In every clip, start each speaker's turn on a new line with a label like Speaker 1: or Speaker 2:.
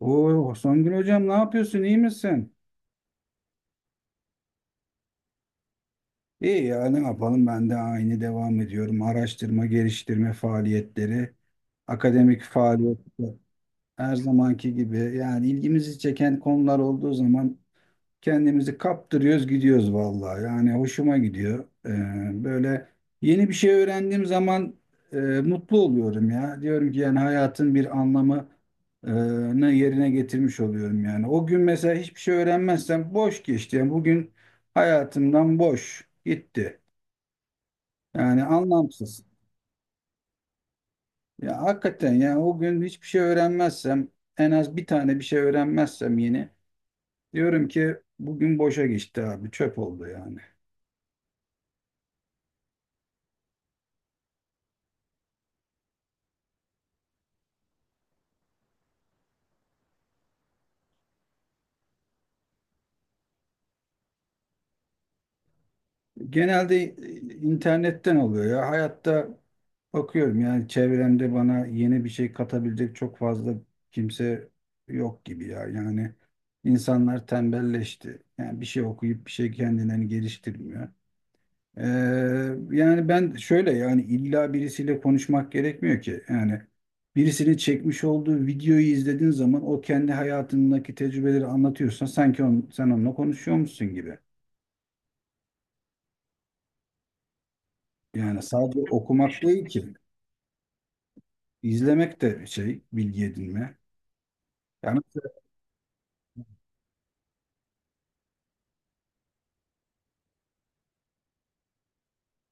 Speaker 1: Oo, Songül hocam ne yapıyorsun? İyi misin? İyi ya ne yapalım ben de aynı devam ediyorum. Araştırma, geliştirme faaliyetleri, akademik faaliyetler her zamanki gibi. Yani ilgimizi çeken konular olduğu zaman kendimizi kaptırıyoruz, gidiyoruz vallahi. Yani hoşuma gidiyor. Böyle yeni bir şey öğrendiğim zaman mutlu oluyorum ya. Diyorum ki yani hayatın bir anlamı e, ne yerine getirmiş oluyorum yani. O gün mesela hiçbir şey öğrenmezsem boş geçti. Yani bugün hayatımdan boş gitti. Yani anlamsız. Ya hakikaten yani o gün hiçbir şey öğrenmezsem en az bir tane bir şey öğrenmezsem yeni diyorum ki bugün boşa geçti abi çöp oldu yani. Genelde internetten oluyor ya. Hayatta bakıyorum yani çevremde bana yeni bir şey katabilecek çok fazla kimse yok gibi ya. Yani insanlar tembelleşti. Yani bir şey okuyup bir şey kendilerini geliştirmiyor. Ee, yani ben şöyle yani illa birisiyle konuşmak gerekmiyor ki. Yani birisinin çekmiş olduğu videoyu izlediğin zaman o kendi hayatındaki tecrübeleri anlatıyorsan sanki sen onunla konuşuyormuşsun gibi. Yani sadece okumak değil ki. İzlemek de şey, bilgi edinme. Yani mesela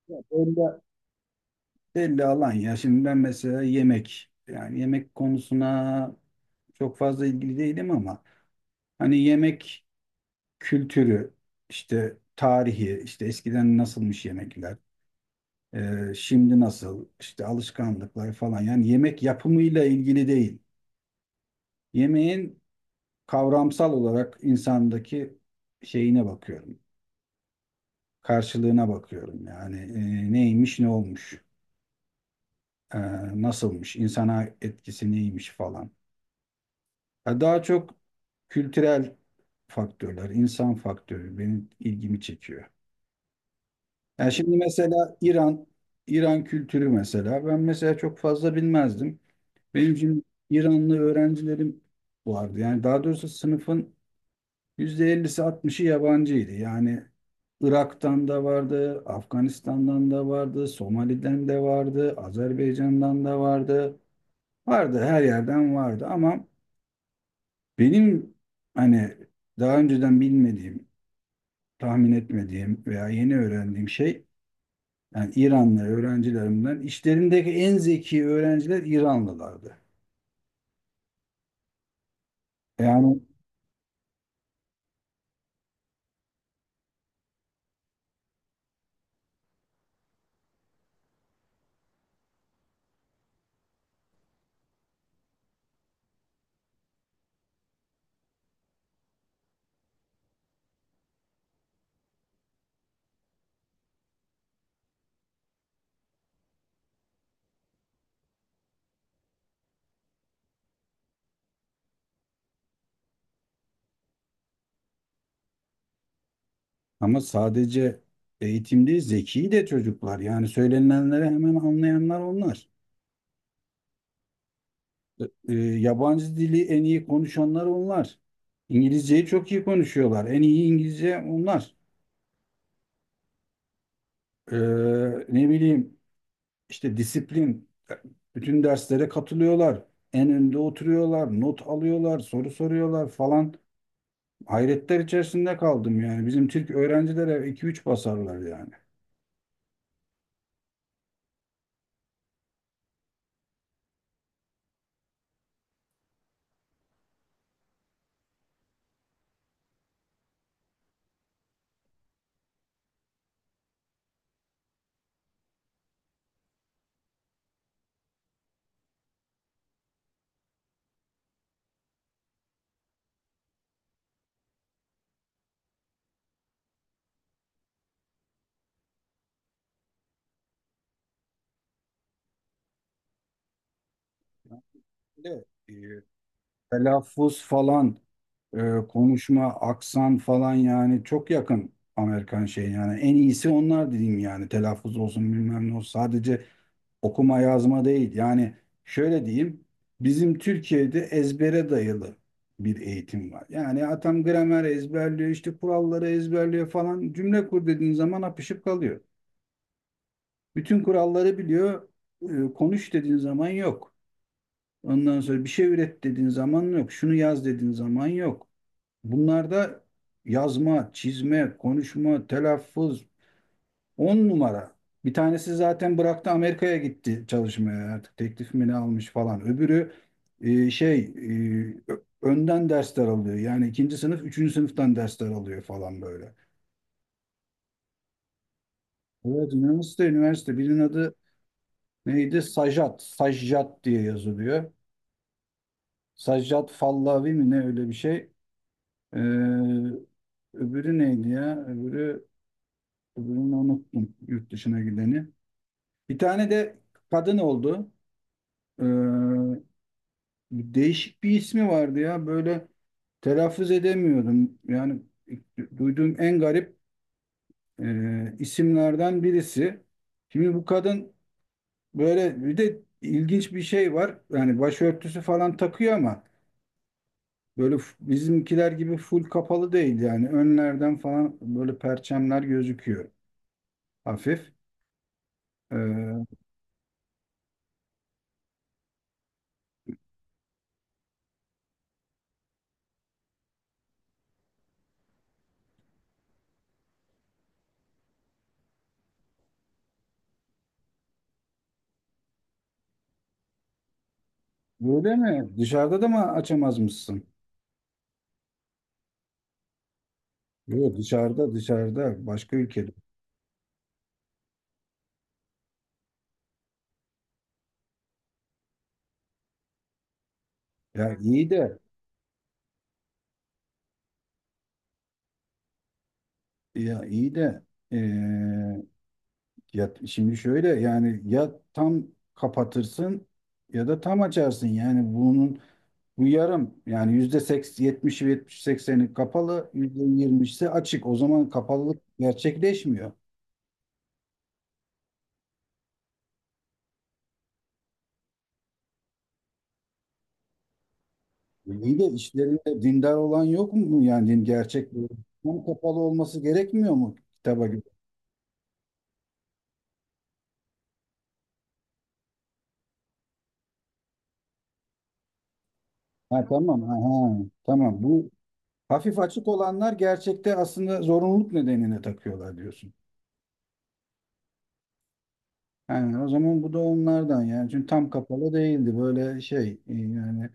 Speaker 1: belli, belli alan ya. Şimdi ben mesela yemek, yani yemek konusuna çok fazla ilgili değilim ama hani yemek kültürü, işte tarihi, işte eskiden nasılmış yemekler, şimdi nasıl, işte alışkanlıklar falan. Yani yemek yapımıyla ilgili değil. Yemeğin kavramsal olarak insandaki şeyine bakıyorum, karşılığına bakıyorum. Yani neymiş, ne olmuş. e, Nasılmış, insana etkisi neymiş falan. Ya daha çok kültürel faktörler, insan faktörü benim ilgimi çekiyor. Yani şimdi mesela İran kültürü mesela ben mesela çok fazla bilmezdim. Benim şimdi İranlı öğrencilerim vardı. Yani daha doğrusu sınıfın %50'si altmışı yabancıydı. Yani Irak'tan da vardı, Afganistan'dan da vardı, Somali'den de vardı, Azerbaycan'dan da vardı. Vardı her yerden vardı ama benim hani daha önceden bilmediğim, tahmin etmediğim veya yeni öğrendiğim şey yani İranlı öğrencilerimden işlerindeki en zeki öğrenciler İranlılardı. Yani ama sadece eğitim değil zeki de çocuklar yani söylenenleri hemen anlayanlar onlar. E, e, yabancı dili en iyi konuşanlar onlar. İngilizceyi çok iyi konuşuyorlar. En iyi İngilizce onlar. E, ne bileyim işte disiplin, bütün derslere katılıyorlar, en önde oturuyorlar, not alıyorlar, soru soruyorlar falan. Hayretler içerisinde kaldım yani. Bizim Türk öğrencilere iki üç basarlar yani. Böyle, e, telaffuz falan, konuşma, aksan falan yani çok yakın Amerikan şey yani. En iyisi onlar diyeyim yani. Telaffuz olsun bilmem ne olsun. Sadece okuma yazma değil. Yani şöyle diyeyim. Bizim Türkiye'de ezbere dayalı bir eğitim var. Yani atam gramer ezberliyor, işte kuralları ezberliyor falan. Cümle kur dediğin zaman apışıp kalıyor. Bütün kuralları biliyor. Konuş dediğin zaman yok. Ondan sonra bir şey üret dediğin zaman yok. Şunu yaz dediğin zaman yok. Bunlarda yazma, çizme, konuşma, telaffuz on numara. Bir tanesi zaten bıraktı, Amerika'ya gitti çalışmaya, artık teklif mi ne almış falan. Öbürü önden dersler alıyor. Yani ikinci sınıf, üçüncü sınıftan dersler alıyor falan böyle. Evet üniversite, üniversite. Birinin adı neydi? Sajat. Sajjat diye yazılıyor. Sajjat Fallavi mi ne öyle bir şey. Ee, öbürü neydi ya? Öbürünü unuttum. Yurt dışına gideni. Bir tane de kadın oldu. Ee, değişik bir ismi vardı ya. Böyle telaffuz edemiyordum. Yani duyduğum en garip isimlerden birisi. Şimdi bu kadın böyle bir de ilginç bir şey var. Yani başörtüsü falan takıyor ama böyle bizimkiler gibi full kapalı değil yani. Önlerden falan böyle perçemler gözüküyor hafif. Ee, böyle mi? Dışarıda da mı açamaz mısın? Yok, dışarıda, dışarıda başka ülkede. Ya iyi de ya iyi de eee, ya şimdi şöyle yani ya tam kapatırsın ya da tam açarsın. Yani bunun bu yarım yani yüzde 70 70 sekseni kapalı yüzde 20'si açık. O zaman kapalılık gerçekleşmiyor. İyi de işlerinde dindar olan yok mu yani din gerçek tam kapalı olması gerekmiyor mu kitaba göre? Ha, tamam, ha, ha, tamam, bu hafif açık olanlar gerçekte aslında zorunluluk nedeniyle takıyorlar diyorsun. Yani o zaman bu da onlardan yani çünkü tam kapalı değildi böyle şey yani,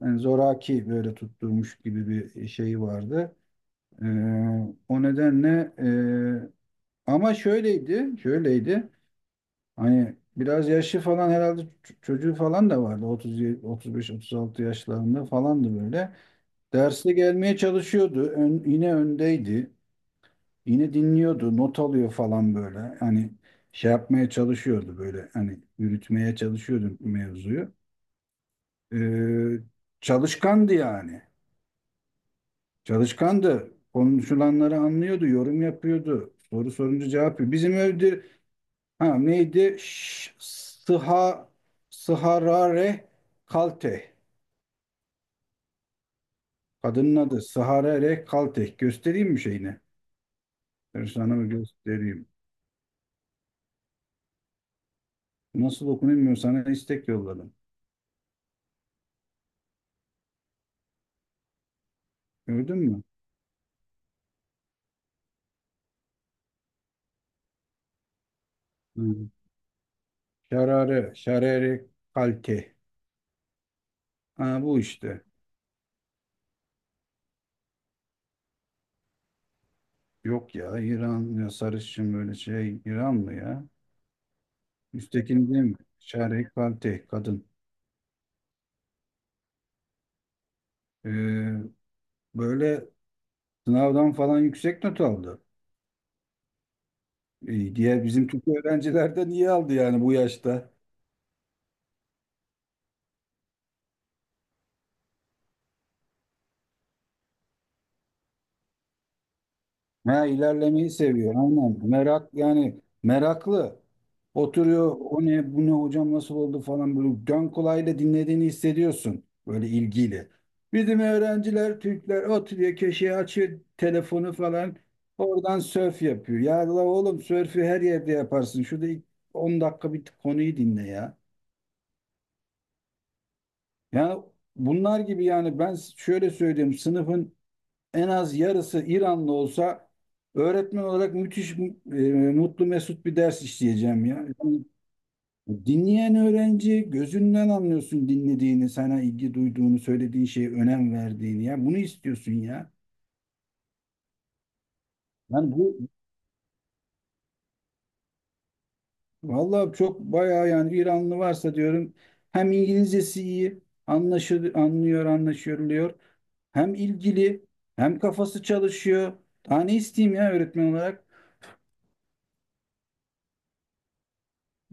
Speaker 1: yani zoraki böyle tutturmuş gibi bir şeyi vardı. E, O nedenle ama şöyleydi hani biraz yaşlı falan herhalde çocuğu falan da vardı 30 35 36 yaşlarında falandı böyle. Derste gelmeye çalışıyordu. Yine öndeydi. Yine dinliyordu, not alıyor falan böyle. Hani şey yapmaya çalışıyordu böyle. Hani yürütmeye çalışıyordu mevzuyu. Ee, çalışkandı yani. Çalışkandı. Konuşulanları anlıyordu, yorum yapıyordu. Soru sorunca cevap veriyor. Bizim evde ha neydi? Sıharare Kalteh. Kadının adı Sıharare Kalteh. Göstereyim mi şeyini? Ben sana mı göstereyim? Nasıl okunuyor bilmiyorum. Sana istek yolladım. Gördün mü? Hı. Şarare, şarere kalte. Ha, bu işte. Yok ya, İran ya, sarışın böyle şey, İran mı ya? Üsttekini değil mi? Şare kalte kadın. Ee, böyle sınavdan falan yüksek not aldı. İyi, diğer bizim Türk öğrenciler de niye aldı yani bu yaşta? Ha, ilerlemeyi seviyor aynen. Merak yani meraklı. Oturuyor, o ne bu ne hocam nasıl oldu falan böyle dön kulağıyla dinlediğini hissediyorsun böyle ilgiyle. Bizim öğrenciler Türkler oturuyor köşeye açıyor telefonu falan, oradan sörf yapıyor. Ya la oğlum, sörfü her yerde yaparsın. Şurada ilk 10 dakika bir konuyu dinle ya. Yani bunlar gibi yani ben şöyle söyleyeyim, sınıfın en az yarısı İranlı olsa öğretmen olarak müthiş e, mutlu mesut bir ders işleyeceğim ya. Yani dinleyen öğrenci gözünden anlıyorsun dinlediğini, sana ilgi duyduğunu, söylediği şeye önem verdiğini ya. Bunu istiyorsun ya. Yani bu vallahi çok bayağı yani İranlı varsa diyorum hem İngilizcesi iyi, anlaşılıyor, anlıyor, anlaşılıyor. Hem ilgili, hem kafası çalışıyor. Daha ne isteyeyim ya öğretmen olarak?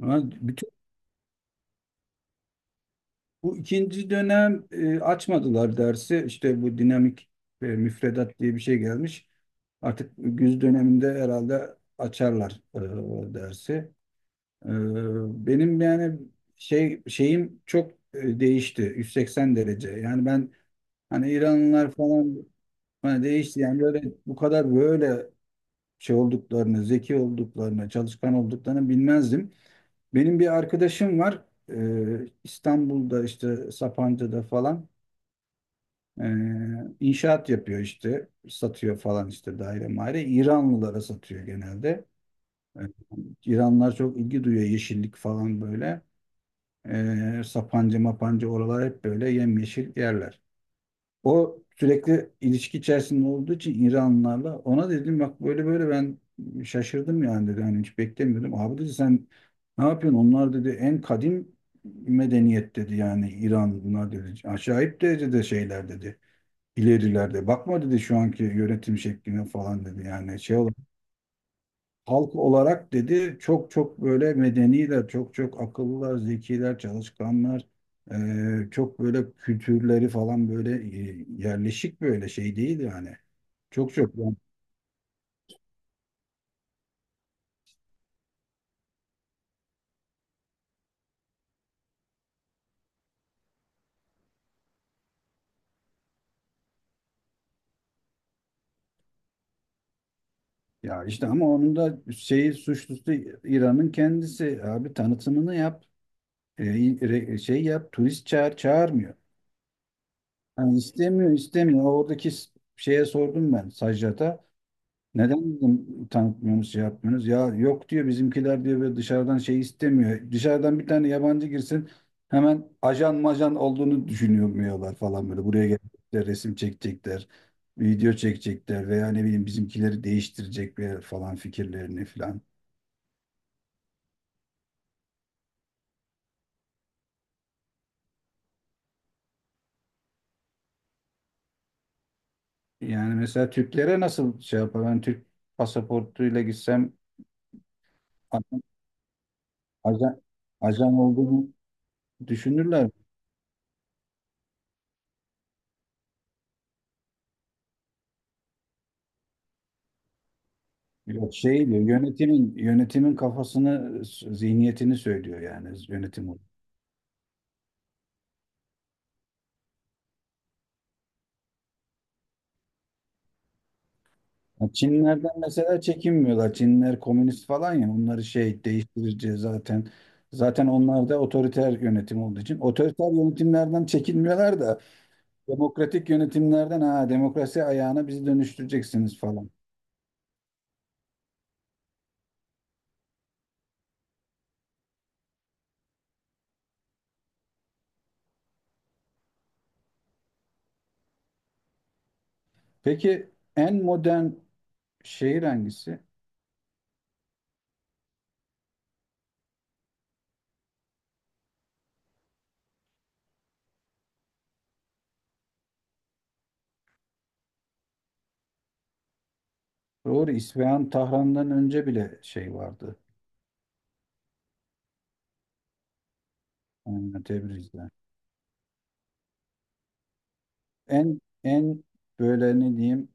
Speaker 1: Ha, bu ikinci dönem açmadılar dersi. İşte bu dinamik müfredat diye bir şey gelmiş. Artık güz döneminde herhalde açarlar o dersi. E, Benim yani şeyim çok değişti. 180 derece. Yani ben hani İranlılar falan hani değişti. Yani böyle bu kadar böyle şey olduklarını, zeki olduklarını, çalışkan olduklarını bilmezdim. Benim bir arkadaşım var. İstanbul'da işte Sapanca'da falan. Ee, inşaat yapıyor işte, satıyor falan işte daire maire. İranlılara satıyor genelde. Ee, İranlılar çok ilgi duyuyor yeşillik falan böyle. Sapanca mapanca oralar hep böyle yemyeşil yerler. O sürekli ilişki içerisinde olduğu için İranlılarla ona dedim bak böyle böyle ben şaşırdım yani dedi. Hani hiç beklemiyordum. Abi dedi sen ne yapıyorsun? Onlar dedi en kadim medeniyet dedi yani İran bunlar dedi. Acayip derecede şeyler dedi ilerilerde. Bakma dedi şu anki yönetim şekline falan dedi. Yani şey olarak, halk olarak dedi çok çok böyle medeniler, çok çok akıllılar, zekiler, çalışkanlar. Çok böyle kültürleri falan böyle yerleşik böyle şey değil yani. Çok çok yani. Ya işte ama onun da şeyi suçlusu İran'ın kendisi. Abi tanıtımını yap. e, Şey yap. Turist çağır, çağırmıyor. Yani istemiyor istemiyor. Oradaki şeye sordum ben Sajjat'a. Neden bizim tanıtmıyorsunuz, şey yapmıyorsunuz? Ya yok diyor bizimkiler diyor ve dışarıdan şey istemiyor. Dışarıdan bir tane yabancı girsin hemen ajan majan olduğunu düşünüyorlar falan böyle. Buraya gelecekler, resim çekecekler, video çekecekler veya ne bileyim bizimkileri değiştirecek ve falan fikirlerini falan. Yani mesela Türklere nasıl şey yapar? Ben Türk pasaportuyla gitsem ajan, ajan olduğunu düşünürler. Yok şey diyor yönetimin kafasını, zihniyetini söylüyor yani yönetim olarak. Ya Çinlerden mesela çekinmiyorlar. Çinler komünist falan ya, onları şey değiştirici zaten. Zaten onlar da otoriter yönetim olduğu için otoriter yönetimlerden çekinmiyorlar da demokratik yönetimlerden, ha demokrasi ayağına bizi dönüştüreceksiniz falan. Peki en modern şehir hangisi? Doğru, İsfahan Tahran'dan önce bile şey vardı. Yani Tebriz'de. En böyle ne diyeyim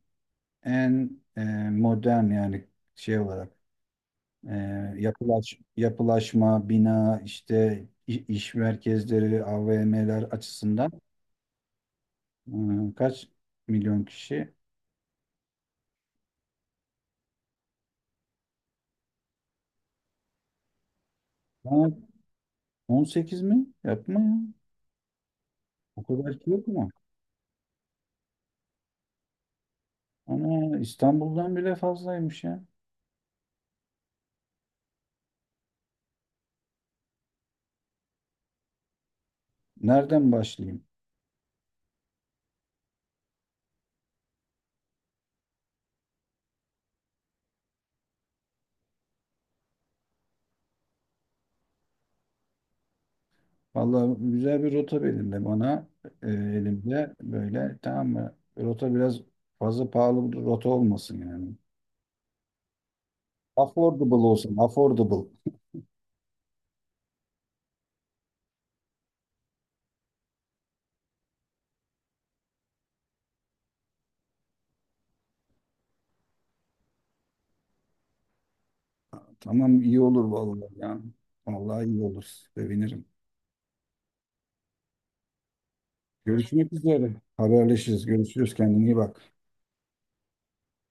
Speaker 1: en modern yani şey olarak, e, yapılaş, yapılaşma, bina işte iş merkezleri, AVM'ler açısından kaç milyon kişi? Ha, 18 mi? Yapma ya. O kadar ki yok mu? Ana İstanbul'dan bile fazlaymış ya. Nereden başlayayım? Vallahi güzel bir rota belirle bana, elimde böyle, tamam mı? Rota biraz fazla pahalı bir rota olmasın yani. Affordable olsun, affordable. Tamam, iyi olur vallahi ya. Vallahi iyi olur. Sevinirim. Görüşmek üzere. Haberleşiriz. Görüşürüz. Kendine iyi bak.